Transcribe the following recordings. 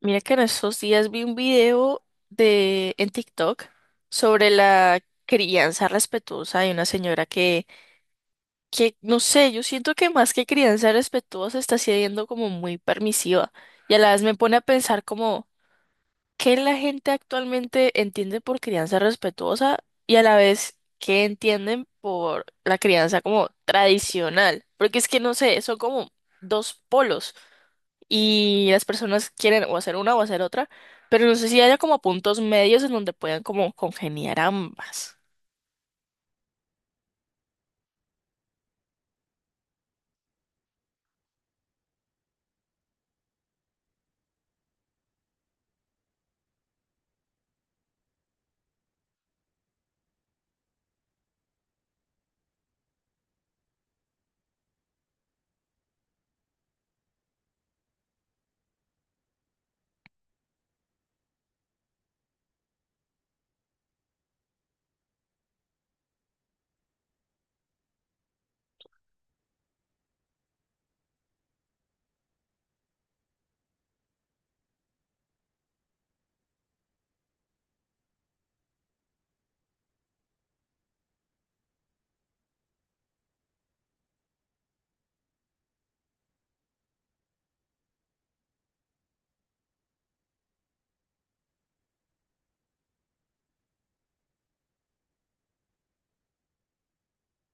Mira que en estos días vi un video de en TikTok sobre la crianza respetuosa de una señora que no sé, yo siento que más que crianza respetuosa está siendo como muy permisiva y a la vez me pone a pensar como qué la gente actualmente entiende por crianza respetuosa y a la vez qué entienden por la crianza como tradicional, porque es que no sé, son como dos polos y las personas quieren o hacer una o hacer otra, pero no sé si haya como puntos medios en donde puedan como congeniar ambas.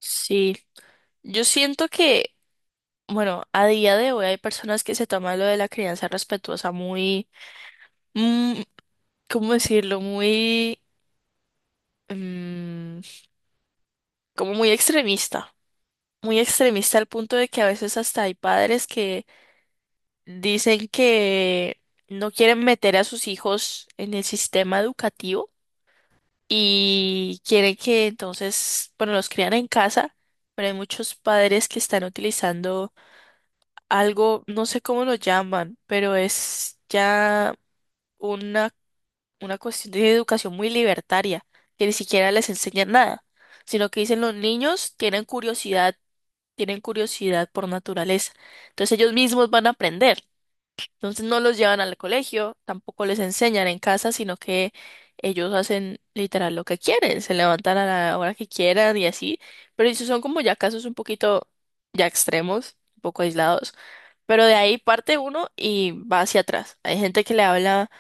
Sí, yo siento que, bueno, a día de hoy hay personas que se toman lo de la crianza respetuosa mm, ¿cómo decirlo? Mm, Como muy extremista. Muy extremista al punto de que a veces hasta hay padres que dicen que no quieren meter a sus hijos en el sistema educativo y quiere que entonces, bueno, los crían en casa, pero hay muchos padres que están utilizando algo, no sé cómo lo llaman, pero es ya una, una cuestión de educación muy libertaria, que ni siquiera les enseñan nada, sino que dicen los niños tienen curiosidad por naturaleza, entonces ellos mismos van a aprender. Entonces no los llevan al colegio, tampoco les enseñan en casa, sino que ellos hacen literal lo que quieren, se levantan a la hora que quieran y así, pero esos son como ya casos un poquito ya extremos, un poco aislados, pero de ahí parte uno y va hacia atrás. Hay gente que le habla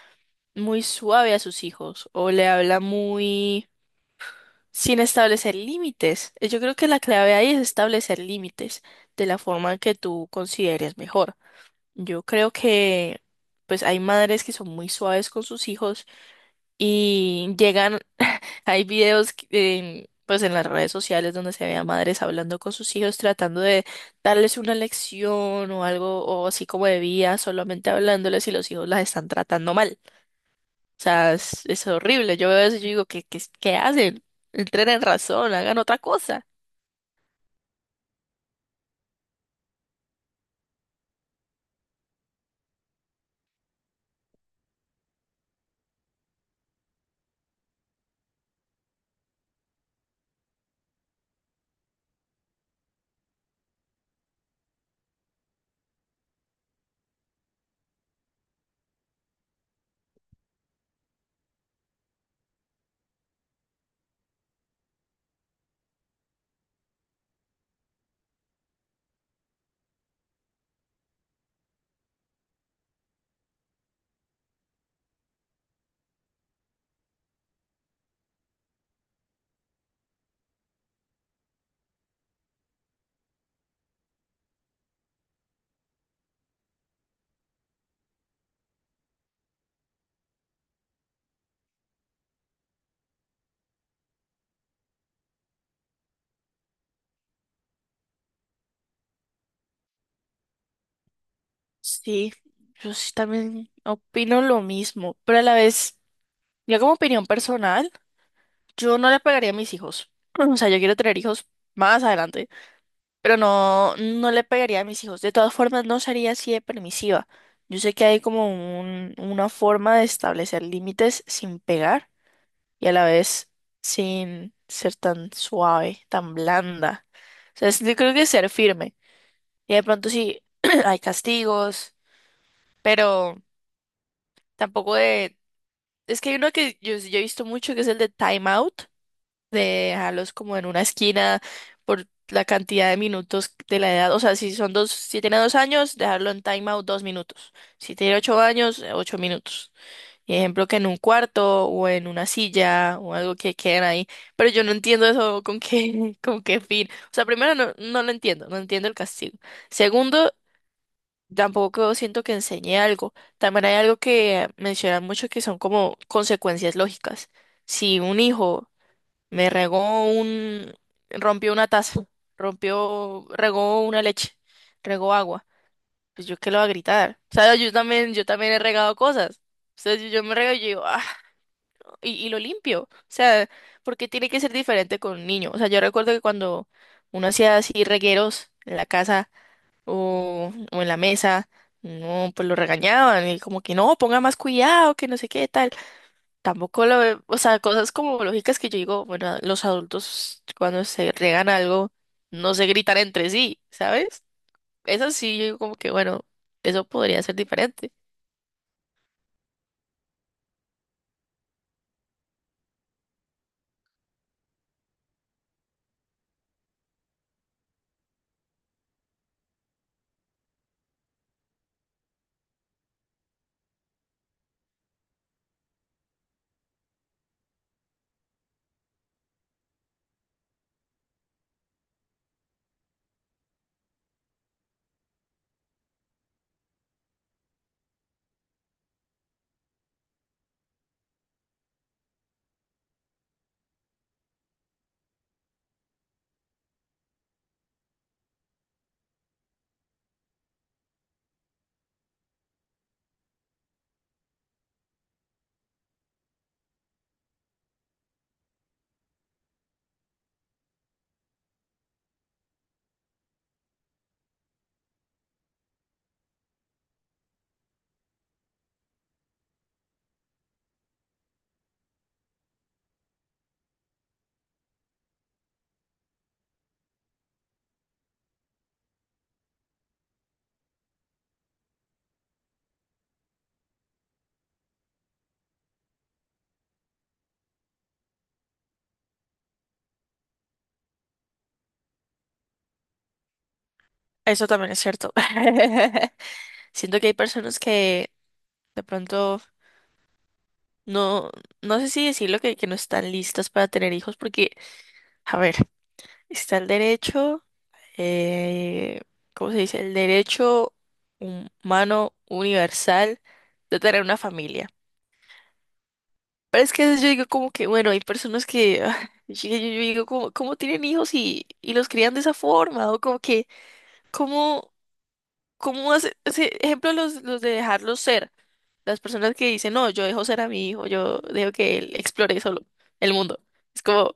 muy suave a sus hijos o le habla muy sin establecer límites. Yo creo que la clave ahí es establecer límites de la forma que tú consideres mejor. Yo creo que pues hay madres que son muy suaves con sus hijos y llegan, hay videos que- en, pues en las redes sociales donde se ve a madres hablando con sus hijos tratando de darles una lección o algo o así como de vida, solamente hablándoles y los hijos las están tratando mal. O sea, es horrible. Yo veo eso y yo digo, qué hacen? Entren en razón, hagan otra cosa. Sí, yo sí también opino lo mismo, pero a la vez, ya como opinión personal. Yo no le pegaría a mis hijos. O sea, yo quiero tener hijos más adelante, pero no le pegaría a mis hijos. De todas formas, no sería así de permisiva. Yo sé que hay como una forma de establecer límites sin pegar y a la vez sin ser tan suave, tan blanda. O sea, yo creo que ser firme. Y de pronto sí hay castigos, pero tampoco de... Es que hay uno que yo he visto mucho que es el de time out de dejarlos como en una esquina por la cantidad de minutos de la edad. O sea, si son dos, si tiene 2 años, dejarlo en timeout 2 minutos. Si tiene 8 años, 8 minutos. Y ejemplo que en un cuarto o en una silla o algo que queden ahí. Pero yo no entiendo eso con qué, con qué fin. O sea, primero no lo entiendo, no entiendo el castigo. Segundo, tampoco siento que enseñe algo. También hay algo que mencionan mucho que son como consecuencias lógicas. Si un hijo me regó un, rompió una taza, rompió, regó una leche, regó agua. Pues yo qué lo voy a gritar. O sea, yo también he regado cosas. Entonces yo me rego y yo digo, ah, y lo limpio. O sea, porque tiene que ser diferente con un niño. O sea, yo recuerdo que cuando uno hacía así regueros en la casa o en la mesa, no, pues lo regañaban y como que no, ponga más cuidado, que no sé qué tal. Tampoco lo ve- O sea, cosas como lógicas que yo digo, bueno, los adultos cuando se regan algo no se gritan entre sí, ¿sabes? Eso sí, yo digo como que, bueno, eso podría ser diferente. Eso también es cierto. Siento que hay personas que de pronto no, no sé si decirlo que no están listas para tener hijos porque, a ver, está el derecho, eh, ¿cómo se dice? El derecho humano universal de tener una familia. Pero es que a veces yo digo como que, bueno, hay personas que, ah, yo digo como, ¿cómo tienen hijos y los crían de esa forma? O como que, ¿cómo, cómo hace, ese ejemplo los de dejarlos ser? Las personas que dicen, no, yo dejo ser a mi hijo, yo dejo que él explore solo el mundo. Es como,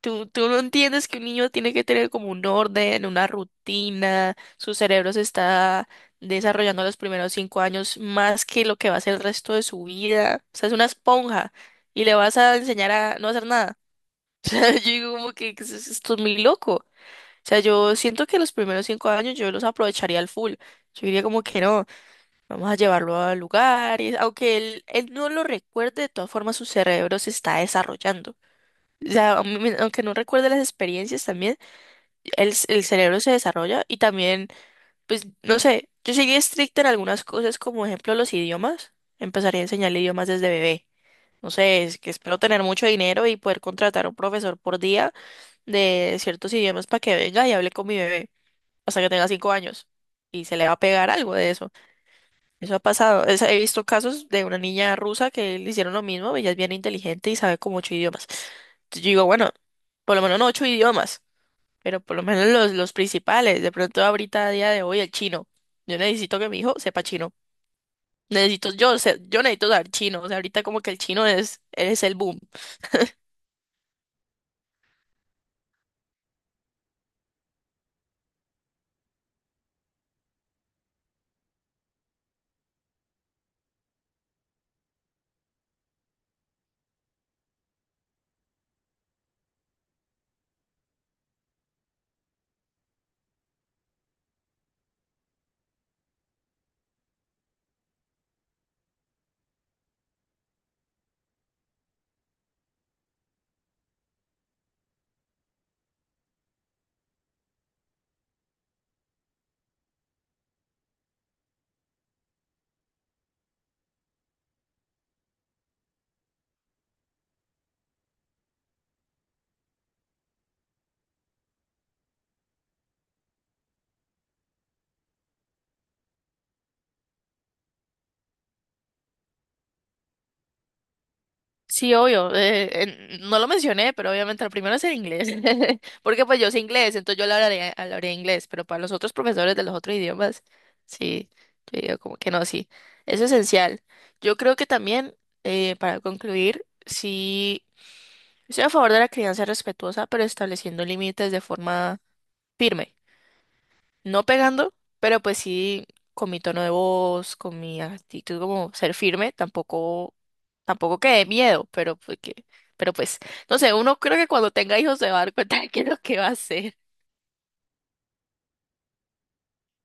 tú no entiendes que un niño tiene que tener como un orden, una rutina, su cerebro se está desarrollando los primeros 5 años más que lo que va a ser el resto de su vida. O sea, es una esponja y le vas a enseñar a no hacer nada. O sea, yo digo como que esto es muy loco. O sea, yo siento que los primeros cinco años yo los aprovecharía al full. Yo diría como que no, vamos a llevarlo a lugares, aunque él no lo recuerde, de todas formas su cerebro se está desarrollando. O sea, aunque no recuerde las experiencias también, el cerebro se desarrolla y también, pues, no sé, yo seguí estricta en algunas cosas, como ejemplo los idiomas. Empezaría a enseñarle idiomas desde bebé. No sé, es que espero tener mucho dinero y poder contratar a un profesor por día de ciertos idiomas para que venga y hable con mi bebé hasta que tenga 5 años. Y se le va a pegar algo de eso. Eso ha pasado. He visto casos de una niña rusa que le hicieron lo mismo. Ella es bien inteligente y sabe como 8 idiomas. Entonces yo digo, bueno, por lo menos no 8 idiomas, pero por lo menos los principales. De pronto ahorita, a día de hoy, el chino. Yo necesito que mi hijo sepa chino. Necesito, yo necesito saber chino. O sea, ahorita como que el chino es el boom. Sí, obvio. No lo mencioné, pero obviamente lo primero es el inglés. Porque pues yo sé inglés, entonces hablaré inglés, pero para los otros profesores de los otros idiomas, sí, yo digo como que no, sí. Eso es esencial. Yo creo que también, para concluir, sí, estoy a favor de la crianza respetuosa, pero estableciendo límites de forma firme no pegando, pero pues sí con mi tono de voz, con mi actitud como ser firme, tampoco que de miedo, pero pero pues, no sé, uno creo que cuando tenga hijos se va a dar cuenta de qué es lo que va a hacer.